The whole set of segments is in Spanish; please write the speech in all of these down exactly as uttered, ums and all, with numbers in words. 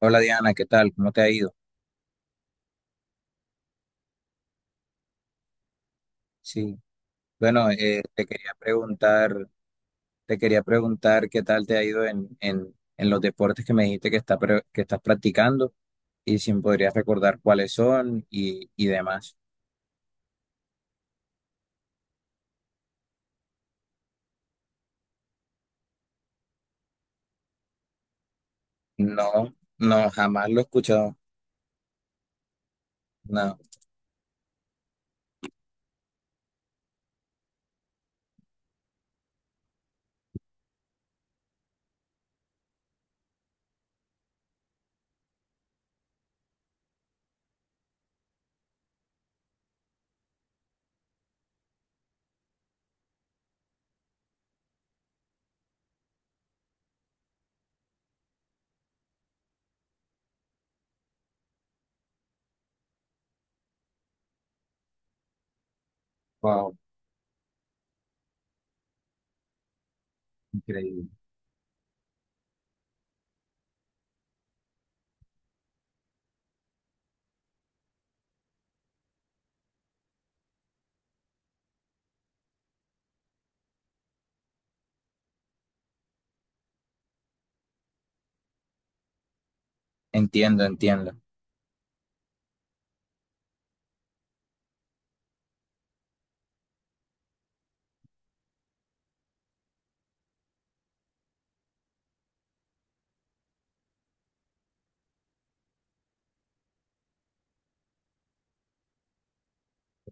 Hola Diana, ¿qué tal? ¿Cómo te ha ido? Sí, bueno, eh, te quería preguntar, te quería preguntar qué tal te ha ido en, en, en los deportes que me dijiste que, está, pre- que estás practicando y si me podrías recordar cuáles son y, y demás. No, no, jamás lo he escuchado. No, wow, increíble. Entiendo, entiendo,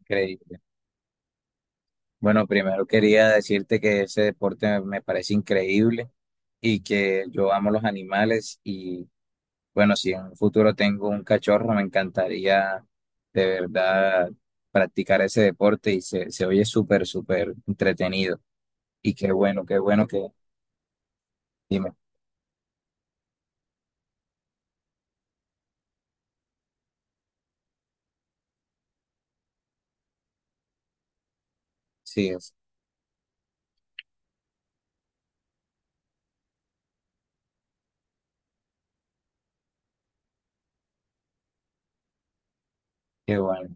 increíble. Bueno, primero quería decirte que ese deporte me me parece increíble y que yo amo los animales. Bueno, si en un futuro tengo un cachorro, me encantaría, de verdad, practicar ese deporte y se, se oye súper, súper entretenido. Y qué bueno, qué bueno que, dime, sí, es, qué bueno.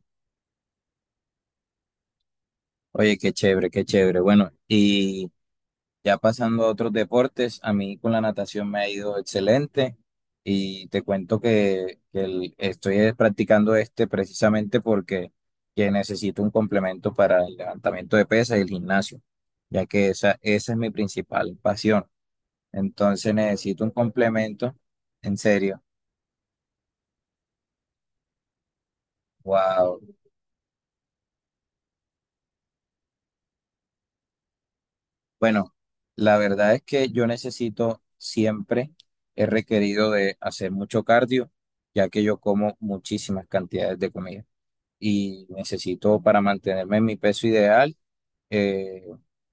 Oye, qué chévere, qué chévere. Bueno, y ya pasando a otros deportes, a mí con la natación me ha ido excelente y te cuento que, que el- estoy eh, practicando este precisamente porque que necesito un complemento para el levantamiento de pesas y el gimnasio, ya que esa, esa es mi principal pasión. Entonces necesito un complemento, en serio. Wow. Bueno, la verdad es que yo necesito siempre, he requerido de hacer mucho cardio, ya que yo como muchísimas cantidades de comida y necesito para mantenerme en mi peso ideal. Eh,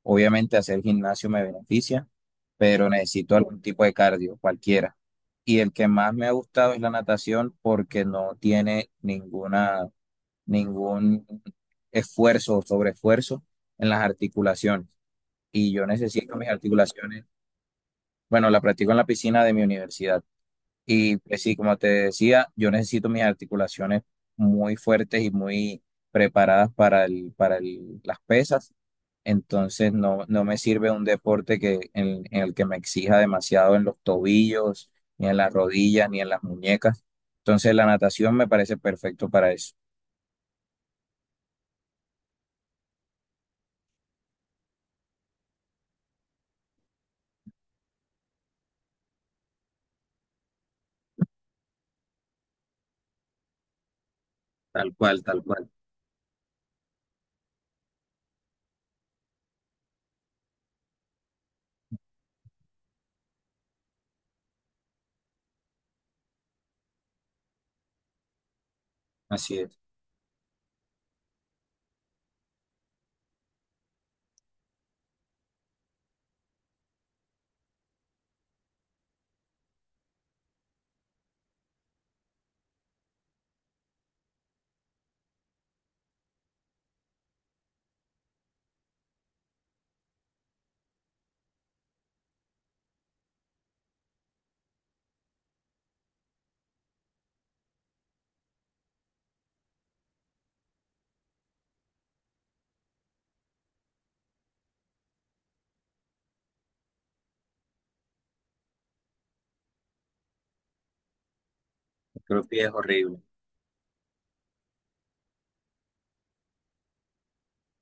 obviamente hacer gimnasio me beneficia, pero necesito algún tipo de cardio, cualquiera. Y el que más me ha gustado es la natación porque no tiene ninguna, ningún esfuerzo o sobreesfuerzo en las articulaciones. Y yo necesito mis articulaciones. Bueno, la practico en la piscina de mi universidad. Y pues sí, como te decía, yo necesito mis articulaciones muy fuertes y muy preparadas para el, para el- las pesas. Entonces no, no me sirve un deporte que, en, en el que me exija demasiado en los tobillos, ni en las rodillas, ni en las muñecas. Entonces la natación me parece perfecto para eso. Tal cual, tal cual. Así es. Creo que es horrible.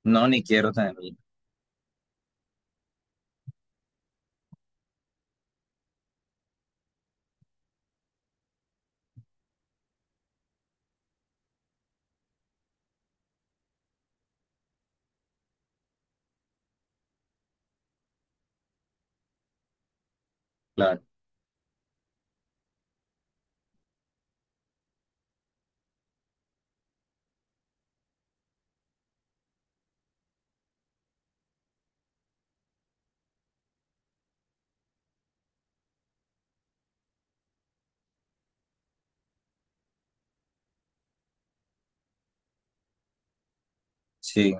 No, ni quiero tenerlo. Claro, sí,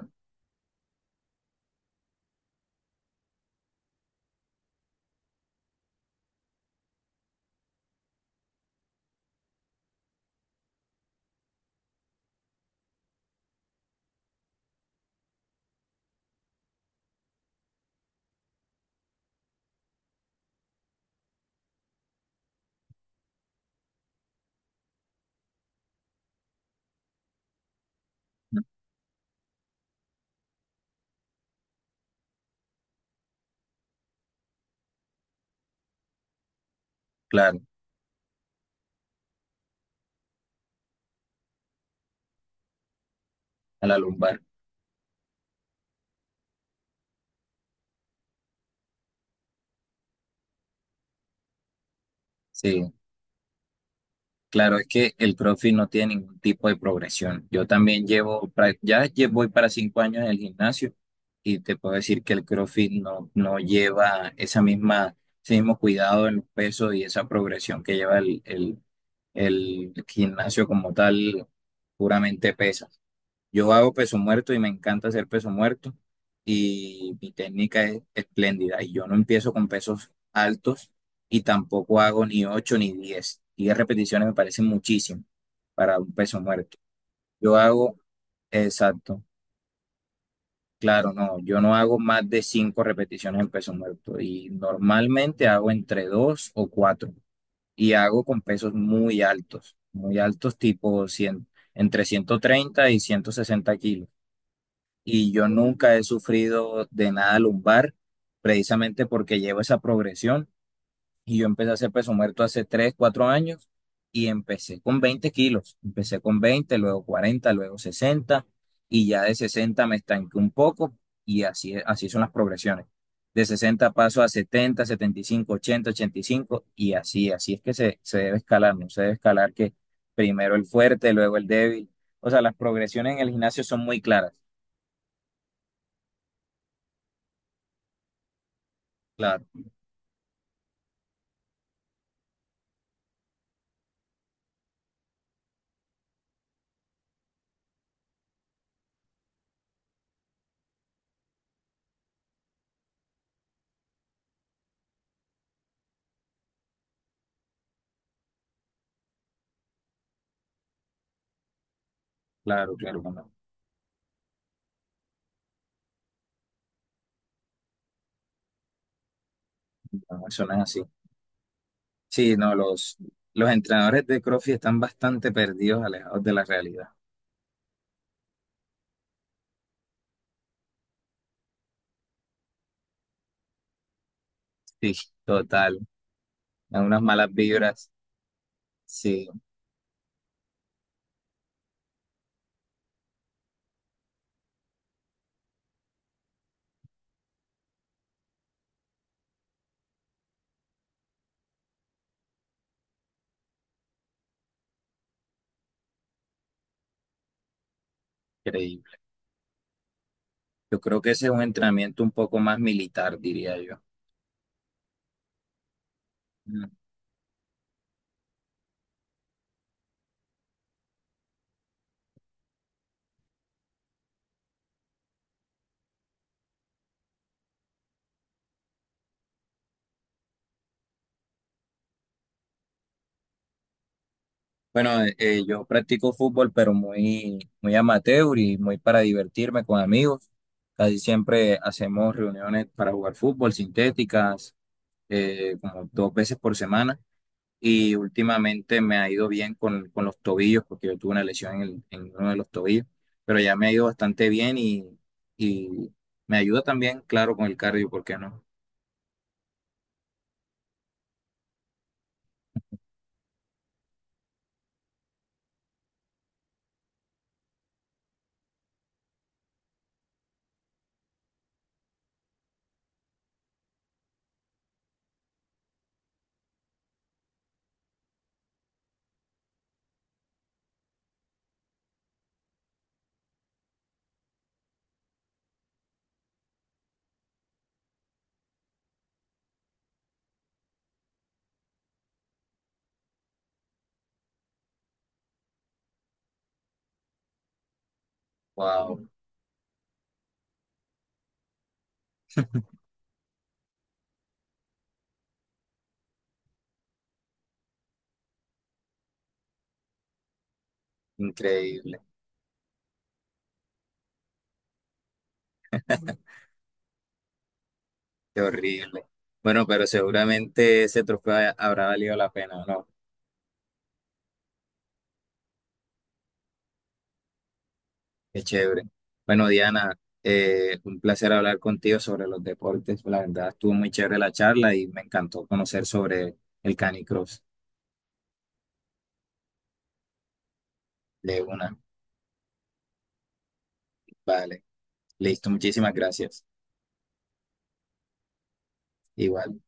claro, a la lumbar. Sí. Claro, es que el CrossFit no tiene ningún tipo de progresión. Yo también llevo, pra- ya lle- voy para cinco años en el gimnasio y te puedo decir que el CrossFit no, no lleva esa misma, ese mismo cuidado en los pesos y esa progresión que lleva el, el, el gimnasio como tal, puramente pesa. Yo hago peso muerto y me encanta hacer peso muerto y mi técnica es espléndida. Y yo no empiezo con pesos altos y tampoco hago ni ocho ni diez. Diez repeticiones me parecen muchísimo para un peso muerto. Yo hago, exacto, claro, no, yo no hago más de cinco repeticiones en peso muerto y normalmente hago entre dos o cuatro y hago con pesos muy altos, muy altos tipo cien, entre ciento treinta y ciento sesenta kilos. Y yo nunca he sufrido de nada lumbar, precisamente porque llevo esa progresión y yo empecé a hacer peso muerto hace tres cuatro años y empecé con veinte kilos, empecé con veinte, luego cuarenta, luego sesenta y ya de sesenta me estanqué un poco y así, así son las progresiones. De sesenta paso a setenta, setenta y cinco, ochenta, ochenta y cinco y así, así es que se, se debe escalar, no se debe escalar que primero el fuerte, luego el débil. O sea, las progresiones en el gimnasio son muy claras. Claro. Claro, claro, cuando, cuando mencionan así. Sí, no, los, los entrenadores de CrossFit están bastante perdidos, alejados de la realidad. Sí, total. Dan unas malas vibras. Sí, increíble. Yo creo que ese es un entrenamiento un poco más militar, diría yo. Mm. Bueno, eh, eh, yo practico fútbol, pero muy, muy amateur y muy para divertirme con amigos. Casi siempre hacemos reuniones para jugar fútbol, sintéticas, eh, como dos veces por semana. Y últimamente me ha ido bien con, con los tobillos, porque yo tuve una lesión en, el- en uno de los tobillos, pero ya me ha ido bastante bien y, y me ayuda también, claro, con el cardio, ¿por qué no? ¡Wow! Increíble, qué horrible. Bueno, pero seguramente ese trofeo ha- habrá valido la pena, ¿no? Qué chévere. Bueno, Diana, eh, un placer hablar contigo sobre los deportes. La verdad, estuvo muy chévere la charla y me encantó conocer sobre el canicross de una. Vale, listo, muchísimas gracias. Igual.